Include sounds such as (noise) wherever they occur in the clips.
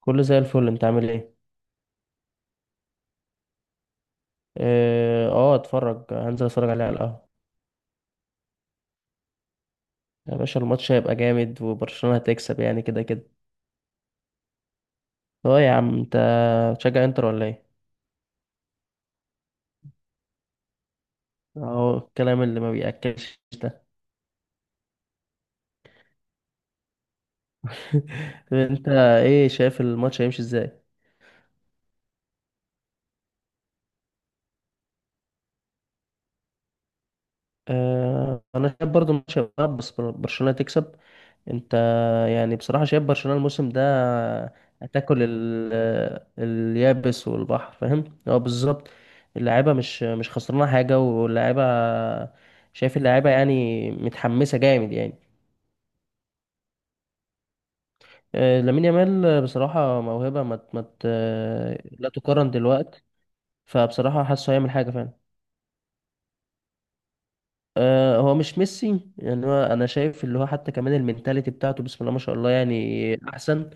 كله زي الفل، انت عامل ايه؟ اه، آه، هنزل اتفرج عليه على القهوة. يا باشا الماتش هيبقى جامد وبرشلونة هتكسب يعني كده كده. اه يا عم انت، بتشجع انتر ولا ايه؟ اهو الكلام اللي ما بيأكلش ده. (laughs) طب انت ايه شايف الماتش هيمشي ازاي؟ انا شايف برضو ماتش هيبقى بس برشلونة تكسب. انت، يعني بصراحة شايف برشلونة الموسم ده هتاكل اليابس والبحر، فاهم هو بالظبط. اللعيبة مش خسرانة حاجة واللعيبة، شايف اللعيبة يعني متحمسة جامد يعني. لامين يامال بصراحة موهبة ما لا تقارن دلوقتي، فبصراحة حاسه هيعمل حاجة فعلا. هو مش ميسي يعني، هو انا شايف اللي هو حتى كمان المينتاليتي بتاعته بسم الله ما شاء الله يعني احسن،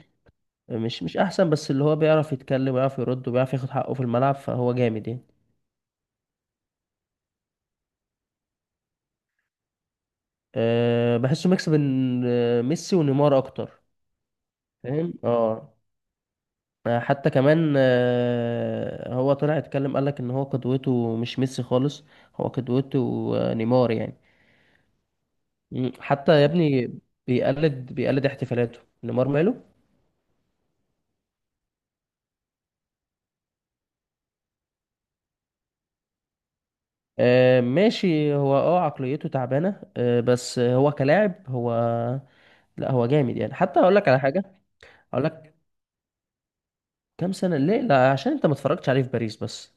مش احسن، بس اللي هو بيعرف يتكلم ويعرف يرد وبيعرف ياخد حقه في الملعب، فهو جامد يعني. أه بحسه ميكس بين ميسي ونيمار اكتر، فاهم. اه، حتى كمان هو طلع اتكلم قالك ان هو قدوته مش ميسي خالص، هو قدوته نيمار يعني. حتى يا ابني بيقلد احتفالاته نيمار، ماله. آه، ماشي، هو عقليته تعبانه، بس هو كلاعب هو، لا هو جامد يعني. حتى هقول لك على حاجه. هقول لك، كام سنه ليه؟ لا عشان انت ما اتفرجتش عليه في باريس بس.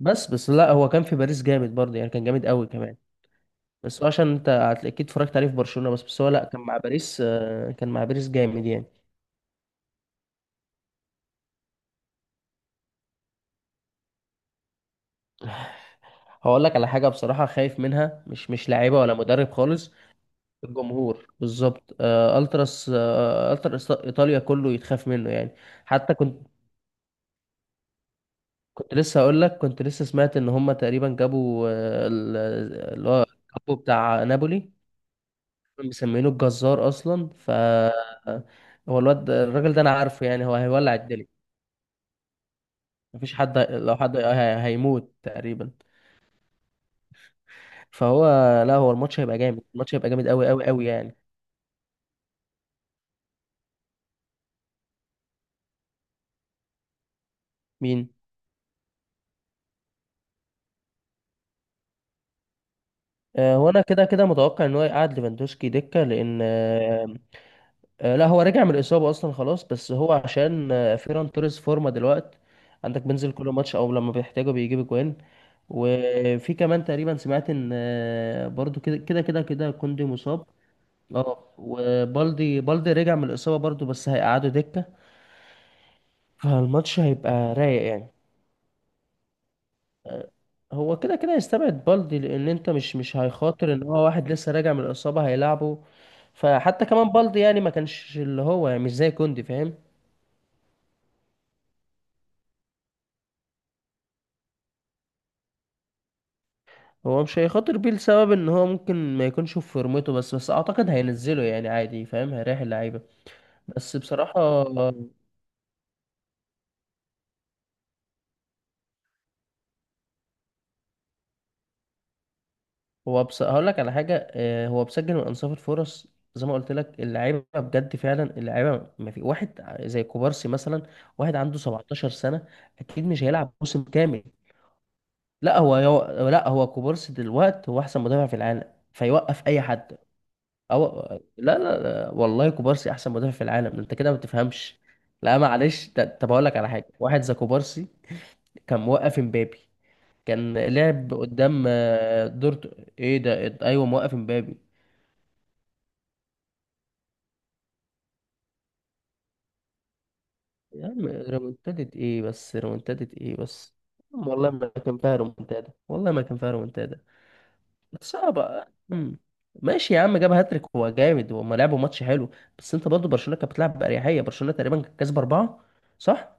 بس لا، هو كان في باريس جامد برضه يعني، كان جامد قوي كمان. بس هو عشان انت اكيد اتفرجت عليه في برشلونه بس، هو لا، كان مع باريس، كان مع باريس جامد يعني. هقول لك على حاجه بصراحه خايف منها، مش لاعيبه ولا مدرب خالص، الجمهور بالظبط. التراس، التراس ايطاليا كله يتخاف منه يعني. حتى كنت، كنت لسه هقول لك كنت لسه سمعت ان هم تقريبا جابوا اللي هو كابو بتاع نابولي، مسمينه الجزار اصلا. ف، هو الراجل ده انا عارفه يعني، هو هيولع الدنيا. مفيش حد لو حد هيموت تقريبا. فهو لا، هو الماتش هيبقى جامد، الماتش هيبقى جامد قوي قوي قوي يعني. مين؟ هو انا كده كده متوقع ان هو يقعد ليفاندوسكي دكة، لان لا، هو رجع من الإصابة أصلا خلاص. بس هو عشان فيران توريس فورمة دلوقتي، عندك بينزل كل ماتش أو لما بيحتاجه بيجيب أجوان. وفي كمان تقريبا سمعت إن برضو كده كده كده كده كوندي مصاب. اه، وبالدي بالدي رجع من الإصابة برضو، بس هيقعدوا دكة، فالماتش هيبقى رايق يعني. آه، هو كده كده يستبعد بالدي، لأن أنت مش هيخاطر إن هو واحد لسه راجع من الإصابة هيلعبه. فحتى كمان بالدي، يعني ما كانش اللي هو، يعني مش زي كوندي فاهم. هو مش هيخاطر بيه لسبب ان هو ممكن ما يكونش في فورمته، بس اعتقد هينزله يعني عادي، فاهم، هيريح اللعيبه بس بصراحه. هو، بس هقول لك على حاجه، هو بسجل من انصاف الفرص زي ما قلت لك، اللعيبه بجد فعلا اللعيبه، ما في واحد زي كوبارسي مثلا، واحد عنده 17 سنه، اكيد مش هيلعب موسم كامل. لا لا، هو كوبارسي دلوقتي هو احسن مدافع في العالم، فيوقف اي حد. أو... لا لا لا والله كوبارسي احسن مدافع في العالم، انت كده ما بتفهمش. لا معلش طب اقول لك على حاجه، واحد زي كوبارسي كان موقف امبابي، كان لعب قدام دورت. ايه ده، ايوه، موقف امبابي. يا عم ريمونتادة ايه بس، ريمونتادة ايه بس، عم والله ما كان فيها ريمونتادا، والله ما كان فيها ريمونتادا صعبة. أمم. ماشي يا عم، جاب هاتريك، هو جامد وهم لعبوا ماتش حلو، بس انت برضه برشلونة كانت بتلعب بأريحية، برشلونة تقريبا كانت كسبة 4، صح؟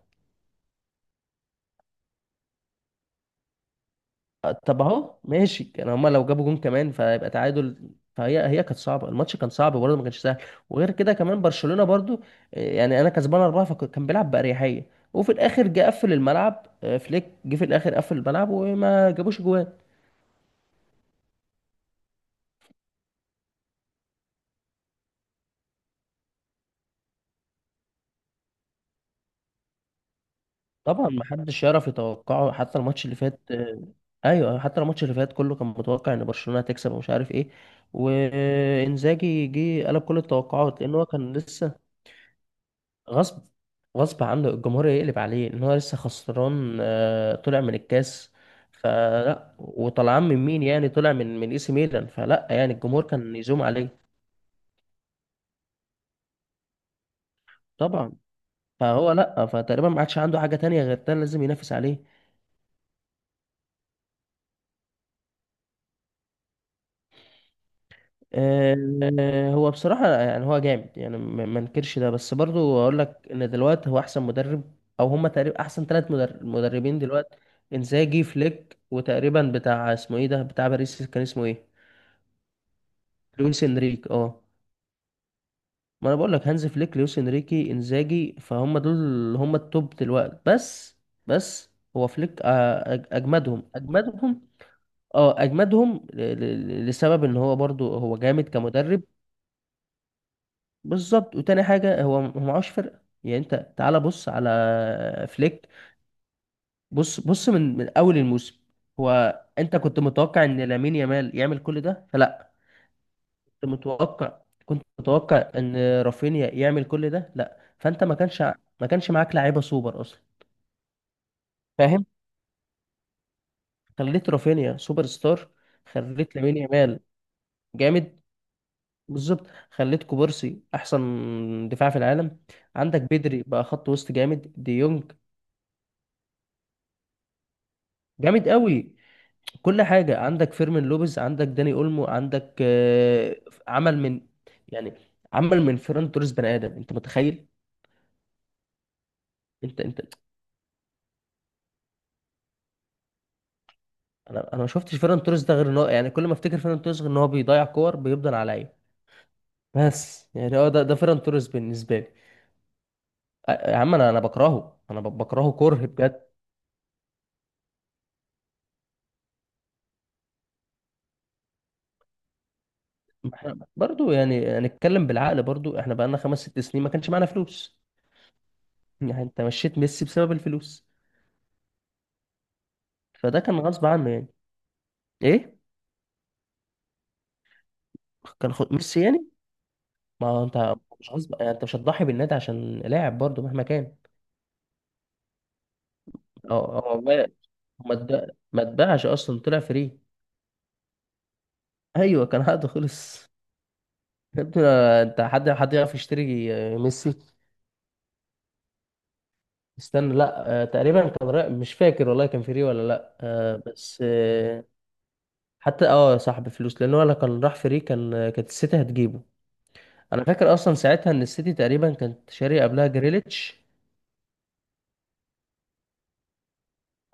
طب اهو ماشي، كان هما لو جابوا جون كمان فيبقى تعادل. فهي كانت صعبه، الماتش كان صعب برضه، ما كانش سهل. وغير كده كمان برشلونه برضه، يعني انا كسبان 4، فكان بيلعب باريحيه، وفي الاخر جه قفل الملعب. فليك جه في الاخر قفل الملعب وما جابوش جوان. طبعا ما حدش يعرف يتوقعه، حتى الماتش اللي فات ايوه، حتى الماتش اللي فات كله كان متوقع ان برشلونه هتكسب ومش عارف ايه. وانزاجي جه قلب كل التوقعات، لان هو كان لسه، غصب غصب عنه الجمهور يقلب عليه، ان هو لسه خسران طلع من الكاس، فلا، وطلعان من مين يعني؟ طلع من اي سي ميلان، فلا يعني الجمهور كان يزوم عليه. طبعا، فهو لا، فتقريبا ما عادش عنده حاجة تانية غير ده لازم ينافس عليه. آه، هو بصراحة يعني هو جامد يعني، ما انكرش ده، بس برضو اقول لك ان دلوقتي هو احسن مدرب، او هما تقريبا احسن 3 مدربين دلوقتي، انزاجي، فليك، وتقريبا بتاع اسمه ايه ده بتاع باريس، كان اسمه ايه، لويس انريكي. اه، ما انا بقول لك، هانز فليك، لويس انريكي، انزاجي، فهم دول اللي هم التوب دلوقتي بس. بس هو فليك اجمدهم اجمدهم. اه اجمدهم لسبب ان هو برضو هو جامد كمدرب. بالظبط، وتاني حاجه هو هو معهوش فرقه يعني، انت تعالى بص على فليك، بص بص من اول الموسم. هو انت كنت متوقع ان لامين يامال يعمل كل ده؟ فلا. كنت متوقع كنت متوقع ان رافينيا يعمل كل ده؟ لا، فانت ما كانش ما كانش معاك لعيبه سوبر اصلا، فاهم. خليت رافينيا سوبر ستار، خليت لامين يامال جامد، بالظبط، خليت كوبارسي احسن دفاع في العالم، عندك بدري بقى خط وسط جامد دي يونج، جامد قوي، كل حاجه، عندك فيرمين لوبيز، عندك داني اولمو، عندك عمل من يعني عمل من فيران توريس بني ادم، انت متخيل؟ انت، انا ما شفتش فيران توريس ده غير ان هو، يعني كل ما افتكر فيران توريس غير ان هو بيضيع كور بيفضل عليا. بس يعني هو ده فيران توريس بالنسبه لي. يا عم، انا بكرهه، انا بكرهه كره بجد. ما احنا برضو يعني نتكلم بالعقل، برضو احنا بقالنا خمس ست سنين ما كانش معانا فلوس. يعني انت مشيت ميسي بسبب الفلوس، فده كان غصب عنه يعني. ايه، كان خد ميسي يعني، ما هو انت مش غصب يعني، انت مش هتضحي بالنادي عشان لاعب برضو مهما كان. اه هو ما، ما اتباعش اصلا، طلع فري. ايوه، كان عقده خلص. يا ابني، انت حد، يعرف يشتري ميسي؟ استنى لا، تقريبا كان رأي مش فاكر والله، كان فري ولا لا، آه، بس آه، حتى صاحب فلوس، لان هو لو كان راح فري كان كانت السيتي هتجيبه. انا فاكر اصلا ساعتها ان السيتي تقريبا كانت شاري قبلها جريليتش.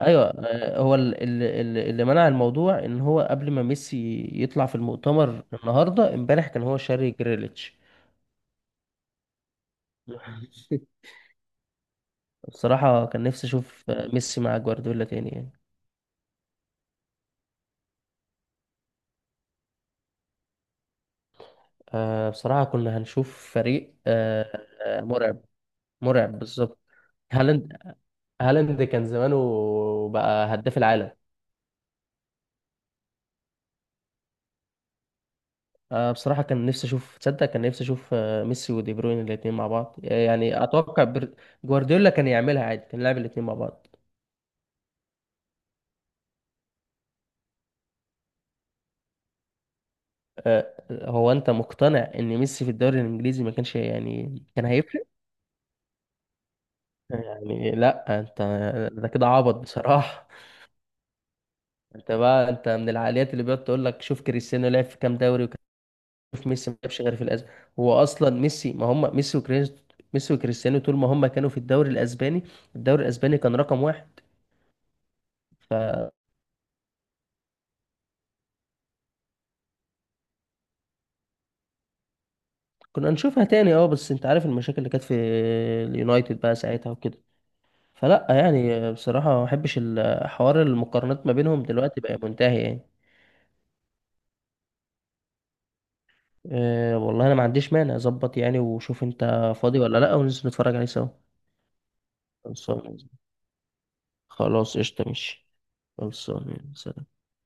ايوه، هو اللي منع الموضوع ان هو قبل ما ميسي يطلع في المؤتمر النهارده امبارح كان هو شاري جريليتش. (laughs) بصراحة كان نفسي اشوف ميسي مع جوارديولا تاني يعني. بصراحة كنا هنشوف فريق مرعب، مرعب بالظبط. هالاند، هالاند كان زمانه بقى هداف العالم. بصراحة كان نفسي أشوف، تصدق كان نفسي أشوف ميسي ودي بروين الاتنين مع بعض، يعني أتوقع جوارديولا كان يعملها عادي، كان يلعب الاتنين مع بعض. هو أنت مقتنع إن ميسي في الدوري الإنجليزي ما كانش، يعني كان هيفرق؟ يعني لا أنت، ده كده عبط بصراحة. (laughs) أنت بقى، أنت من العقليات اللي بيقعد تقول لك شوف كريستيانو لعب في كام دوري، في ميسي ما لعبش غير في الأز. هو أصلا ميسي، ما هم ميسي وكريستيانو، ميسي وكريستيانو طول ما هم كانوا في الدوري الأسباني، الدوري الأسباني كان رقم واحد. فكنا نشوفها تاني. اه بس انت عارف المشاكل اللي كانت في اليونايتد بقى ساعتها وكده، فلا يعني بصراحة ما بحبش حوار المقارنات، ما بينهم دلوقتي بقى منتهي يعني. أه والله انا ما عنديش مانع، اظبط يعني وشوف انت فاضي ولا لا، وننزل نتفرج عليه سوا. خلصان. خلاص قشطة ماشي. خلصان، سلام.